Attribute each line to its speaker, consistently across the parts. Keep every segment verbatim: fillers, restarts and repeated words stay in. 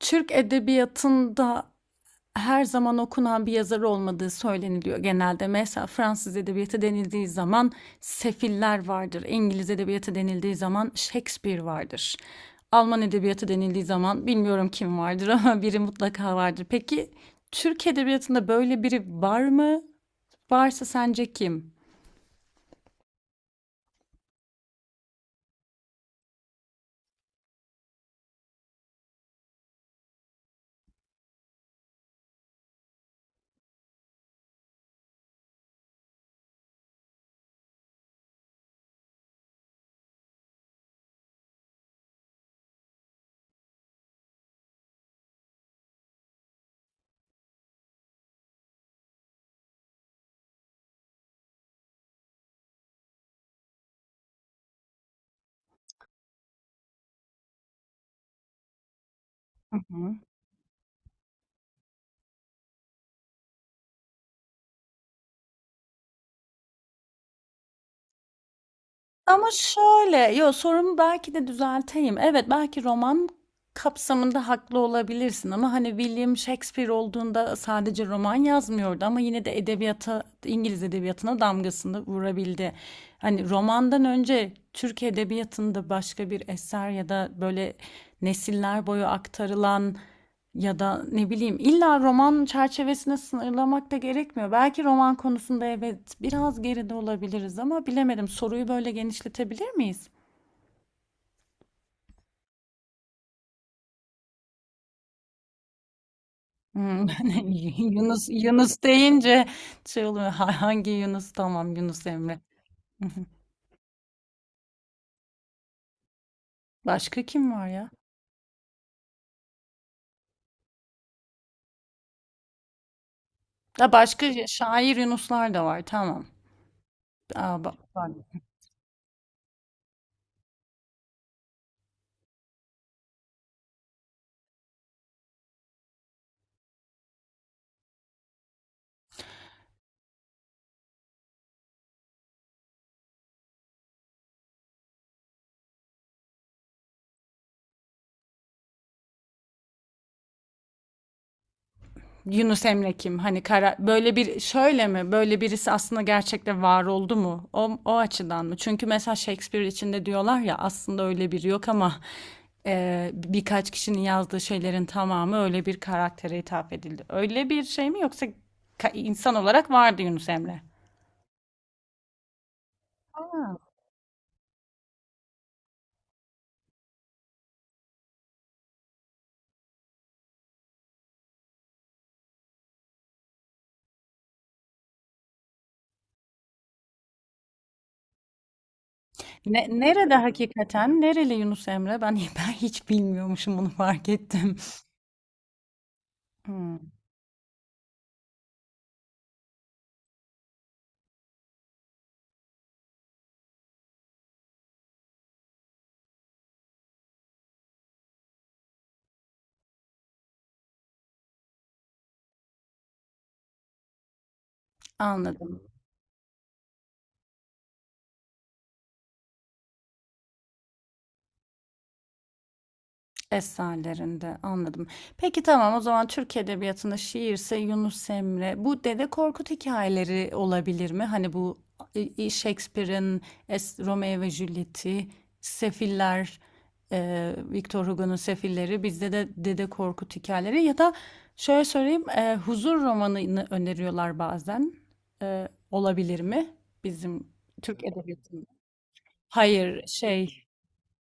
Speaker 1: Türk edebiyatında her zaman okunan bir yazar olmadığı söyleniliyor genelde. Mesela Fransız edebiyatı denildiği zaman Sefiller vardır. İngiliz edebiyatı denildiği zaman Shakespeare vardır. Alman edebiyatı denildiği zaman bilmiyorum kim vardır ama biri mutlaka vardır. Peki Türk edebiyatında böyle biri var mı? Varsa sence kim? Hı hı. Ama şöyle, yo, sorumu belki de düzelteyim. Evet, belki roman kapsamında haklı olabilirsin ama hani William Shakespeare olduğunda sadece roman yazmıyordu ama yine de edebiyata, İngiliz edebiyatına damgasını vurabildi. Hani romandan önce Türk edebiyatında başka bir eser ya da böyle nesiller boyu aktarılan ya da ne bileyim, illa roman çerçevesine sınırlamak da gerekmiyor. Belki roman konusunda evet biraz geride olabiliriz ama bilemedim. Soruyu böyle genişletebilir miyiz? Hımm. Ben Yunus Yunus deyince şey oluyor. Ha, hangi Yunus? Tamam, Yunus Emre. Hı hı. Başka kim var ya? Ha, başka şair Yunuslar da var. Tamam. A, ba Yunus Emre kim? Hani kara, böyle bir, şöyle mi? Böyle birisi aslında gerçekte var oldu mu? O, o açıdan mı? Çünkü mesela Shakespeare içinde diyorlar ya, aslında öyle biri yok ama e, birkaç kişinin yazdığı şeylerin tamamı öyle bir karaktere hitap edildi. Öyle bir şey mi yoksa ka- insan olarak vardı Yunus Emre? Ne, nerede hakikaten? Nereli Yunus Emre? Ben, ben hiç bilmiyormuşum, bunu fark ettim. Hmm, anladım. Eserlerinde, anladım. Peki, tamam, o zaman Türk Edebiyatı'nda şiirse Yunus Emre. Bu Dede Korkut hikayeleri olabilir mi? Hani bu e, e, Shakespeare'in Es- Romeo ve Juliet'i, Sefiller, e, Victor Hugo'nun Sefilleri, bizde de Dede Korkut hikayeleri ya da, şöyle söyleyeyim, e, Huzur romanını öneriyorlar bazen. E, olabilir mi bizim Türk Edebiyatı'nda? Hayır, şey,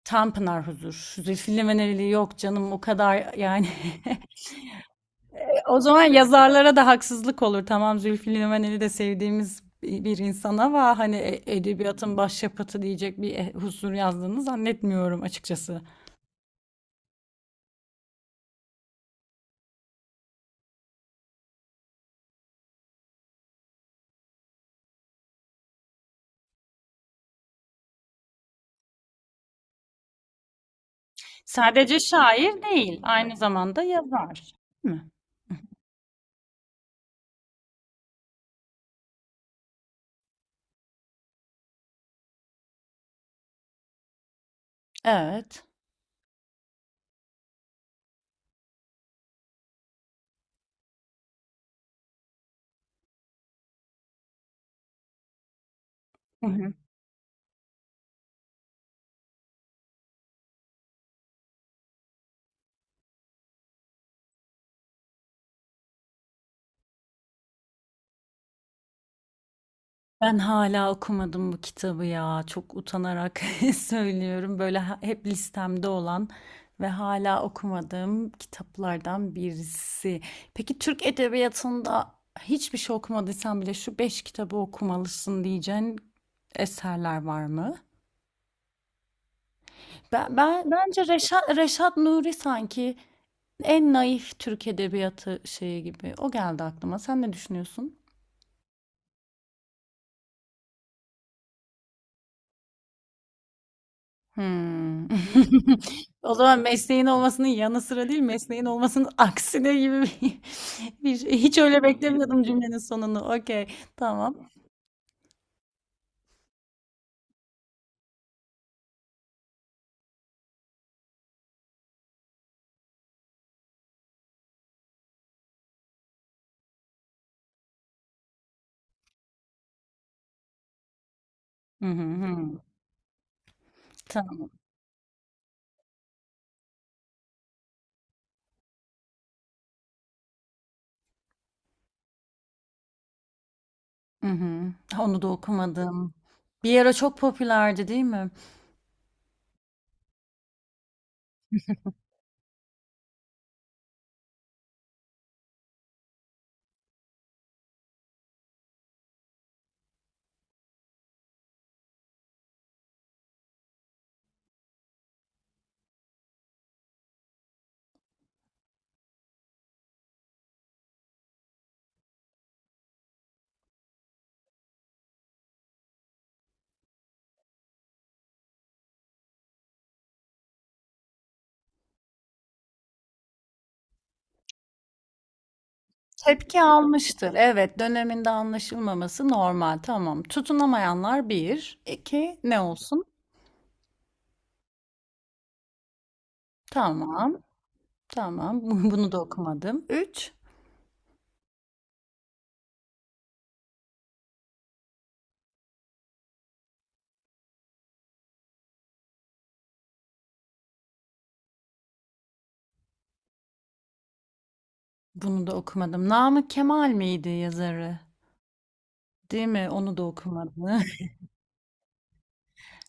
Speaker 1: Tanpınar Huzur. Zülfü Livaneli yok canım, o kadar yani. O zaman yazarlara da haksızlık olur. Tamam, Zülfü Livaneli de sevdiğimiz bir bir insan ama hani e- edebiyatın başyapıtı diyecek bir e- Huzur yazdığını zannetmiyorum açıkçası. Sadece şair değil, aynı zamanda yazar. Değil mi? Evet. Ben hala okumadım bu kitabı ya. Çok utanarak söylüyorum. Böyle ha- hep listemde olan ve hala okumadığım kitaplardan birisi. Peki Türk edebiyatında hiçbir şey okumadıysan bile şu beş kitabı okumalısın diyeceğin eserler var mı? Ben, ben, bence Reşat, Reşat Nuri sanki en naif Türk edebiyatı şeyi gibi. O geldi aklıma. Sen ne düşünüyorsun? Hımm. O zaman mesleğin olmasının yanı sıra değil, mesleğin olmasının aksine gibi bir bir şey. Hiç öyle beklemiyordum cümlenin sonunu. Okay, tamam. Hı hı, hımm. Tamam. Hı hı. Ha, onu da okumadım. Bir ara çok popülerdi, değil mi? Tepki almıştır. Evet, döneminde anlaşılmaması normal. Tamam. Tutunamayanlar bir, iki. Ne olsun? Tamam, tamam. Bunu da okumadım. Üç. Bunu da okumadım. Namık Kemal miydi yazarı? Değil mi? Onu da okumadı.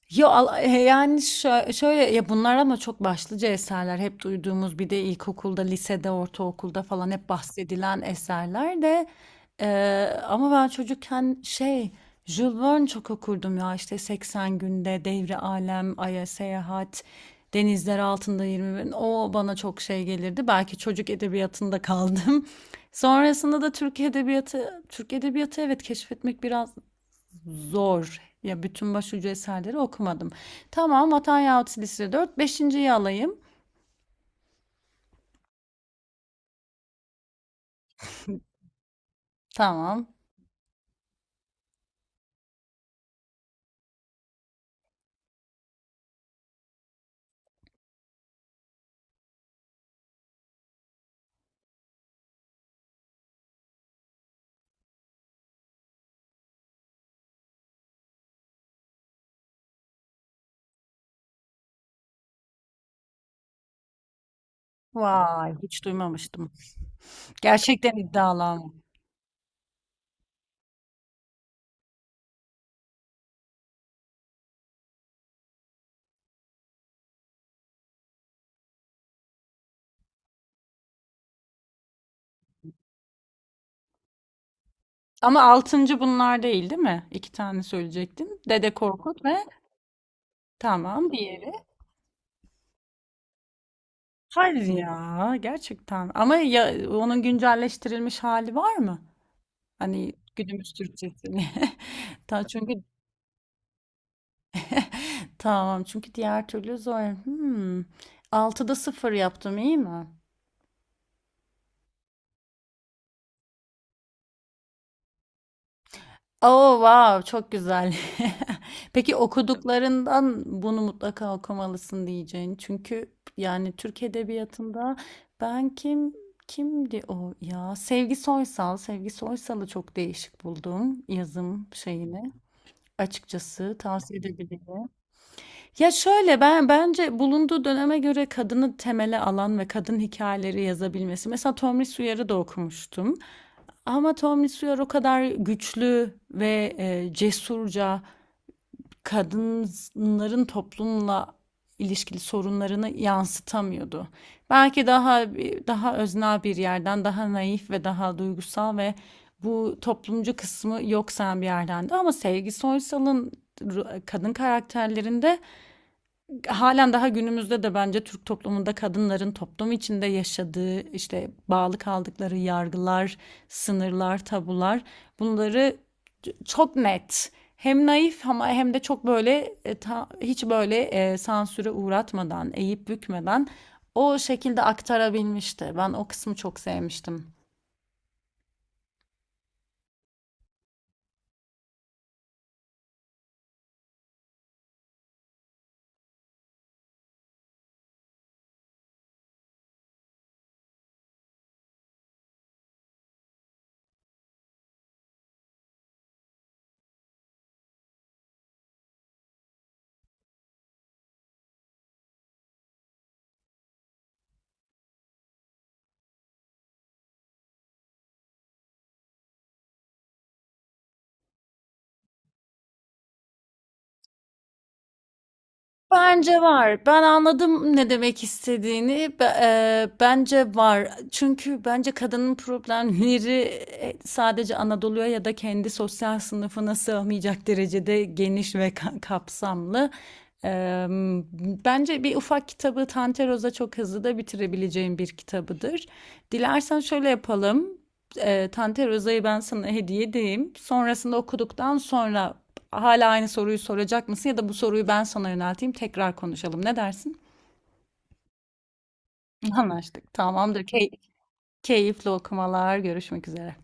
Speaker 1: Ya al- e, yani şö- şöyle ya, bunlar ama çok başlıca eserler. Hep duyduğumuz, bir de ilkokulda, lisede, ortaokulda falan hep bahsedilen eserler de, e, ama ben çocukken şey, Jules Verne çok okurdum ya, işte seksen Günde Devri Alem, Ay'a Seyahat, Denizler Altında yirmi Bin. O bana çok şey gelirdi. Belki çocuk edebiyatında kaldım. Sonrasında da Türk edebiyatı, Türk edebiyatı, evet, keşfetmek biraz zor. Ya, bütün başucu eserleri okumadım. Tamam, Vatan Yahut Silsile dört, beşinciyi alayım. Tamam. Vay, hiç duymamıştım. Gerçekten iddialı ama. Ama altıncı bunlar değil, değil mi? İki tane söyleyecektim. Dede Korkut ve, tamam, diğeri. Hayır ya, gerçekten. Ama ya, onun güncelleştirilmiş hali var mı? Hani günümüz Türkçesi. Ta, çünkü, tamam, çünkü diğer türlü zor. Hmm. altıda sıfır yaptım, iyi mi? Oh, wow, çok güzel. Peki okuduklarından bunu mutlaka okumalısın diyeceğin. Çünkü yani Türk edebiyatında ben kim kimdi o ya? Sevgi Soysal, Sevgi Soysal'ı çok değişik buldum, yazım şeyini. Açıkçası tavsiye edebilirim. Ya şöyle, ben bence bulunduğu döneme göre kadını temele alan ve kadın hikayeleri yazabilmesi. Mesela Tomris Uyar'ı da okumuştum. Ama Tom Sawyer o kadar güçlü ve e, cesurca kadınların toplumla ilişkili sorunlarını yansıtamıyordu. Belki daha, daha öznel bir yerden, daha naif ve daha duygusal ve bu toplumcu kısmı yok sayan bir yerdendi. Ama Sevgi Soysal'ın kadın karakterlerinde halen daha günümüzde de bence Türk toplumunda kadınların toplum içinde yaşadığı, işte bağlı kaldıkları yargılar, sınırlar, tabular, bunları çok net, hem naif ama hem de çok böyle, e, ta- hiç böyle, e, sansüre uğratmadan, eğip bükmeden o şekilde aktarabilmişti. Ben o kısmı çok sevmiştim. Bence var. Ben anladım ne demek istediğini. Be- e, bence var. Çünkü bence kadının problemleri, e, sadece Anadolu'ya ya da kendi sosyal sınıfına sığmayacak derecede geniş ve ka- kapsamlı. E, bence bir ufak kitabı Tanteroz'a, çok hızlı da bitirebileceğim bir kitabıdır. Dilersen şöyle yapalım. E, Tanteroz'a'yı ben sana hediye edeyim. Sonrasında, okuduktan sonra hala aynı soruyu soracak mısın, ya da bu soruyu ben sana yönelteyim, tekrar konuşalım. Ne dersin? Anlaştık. Tamamdır. Key- keyifli okumalar. Görüşmek üzere.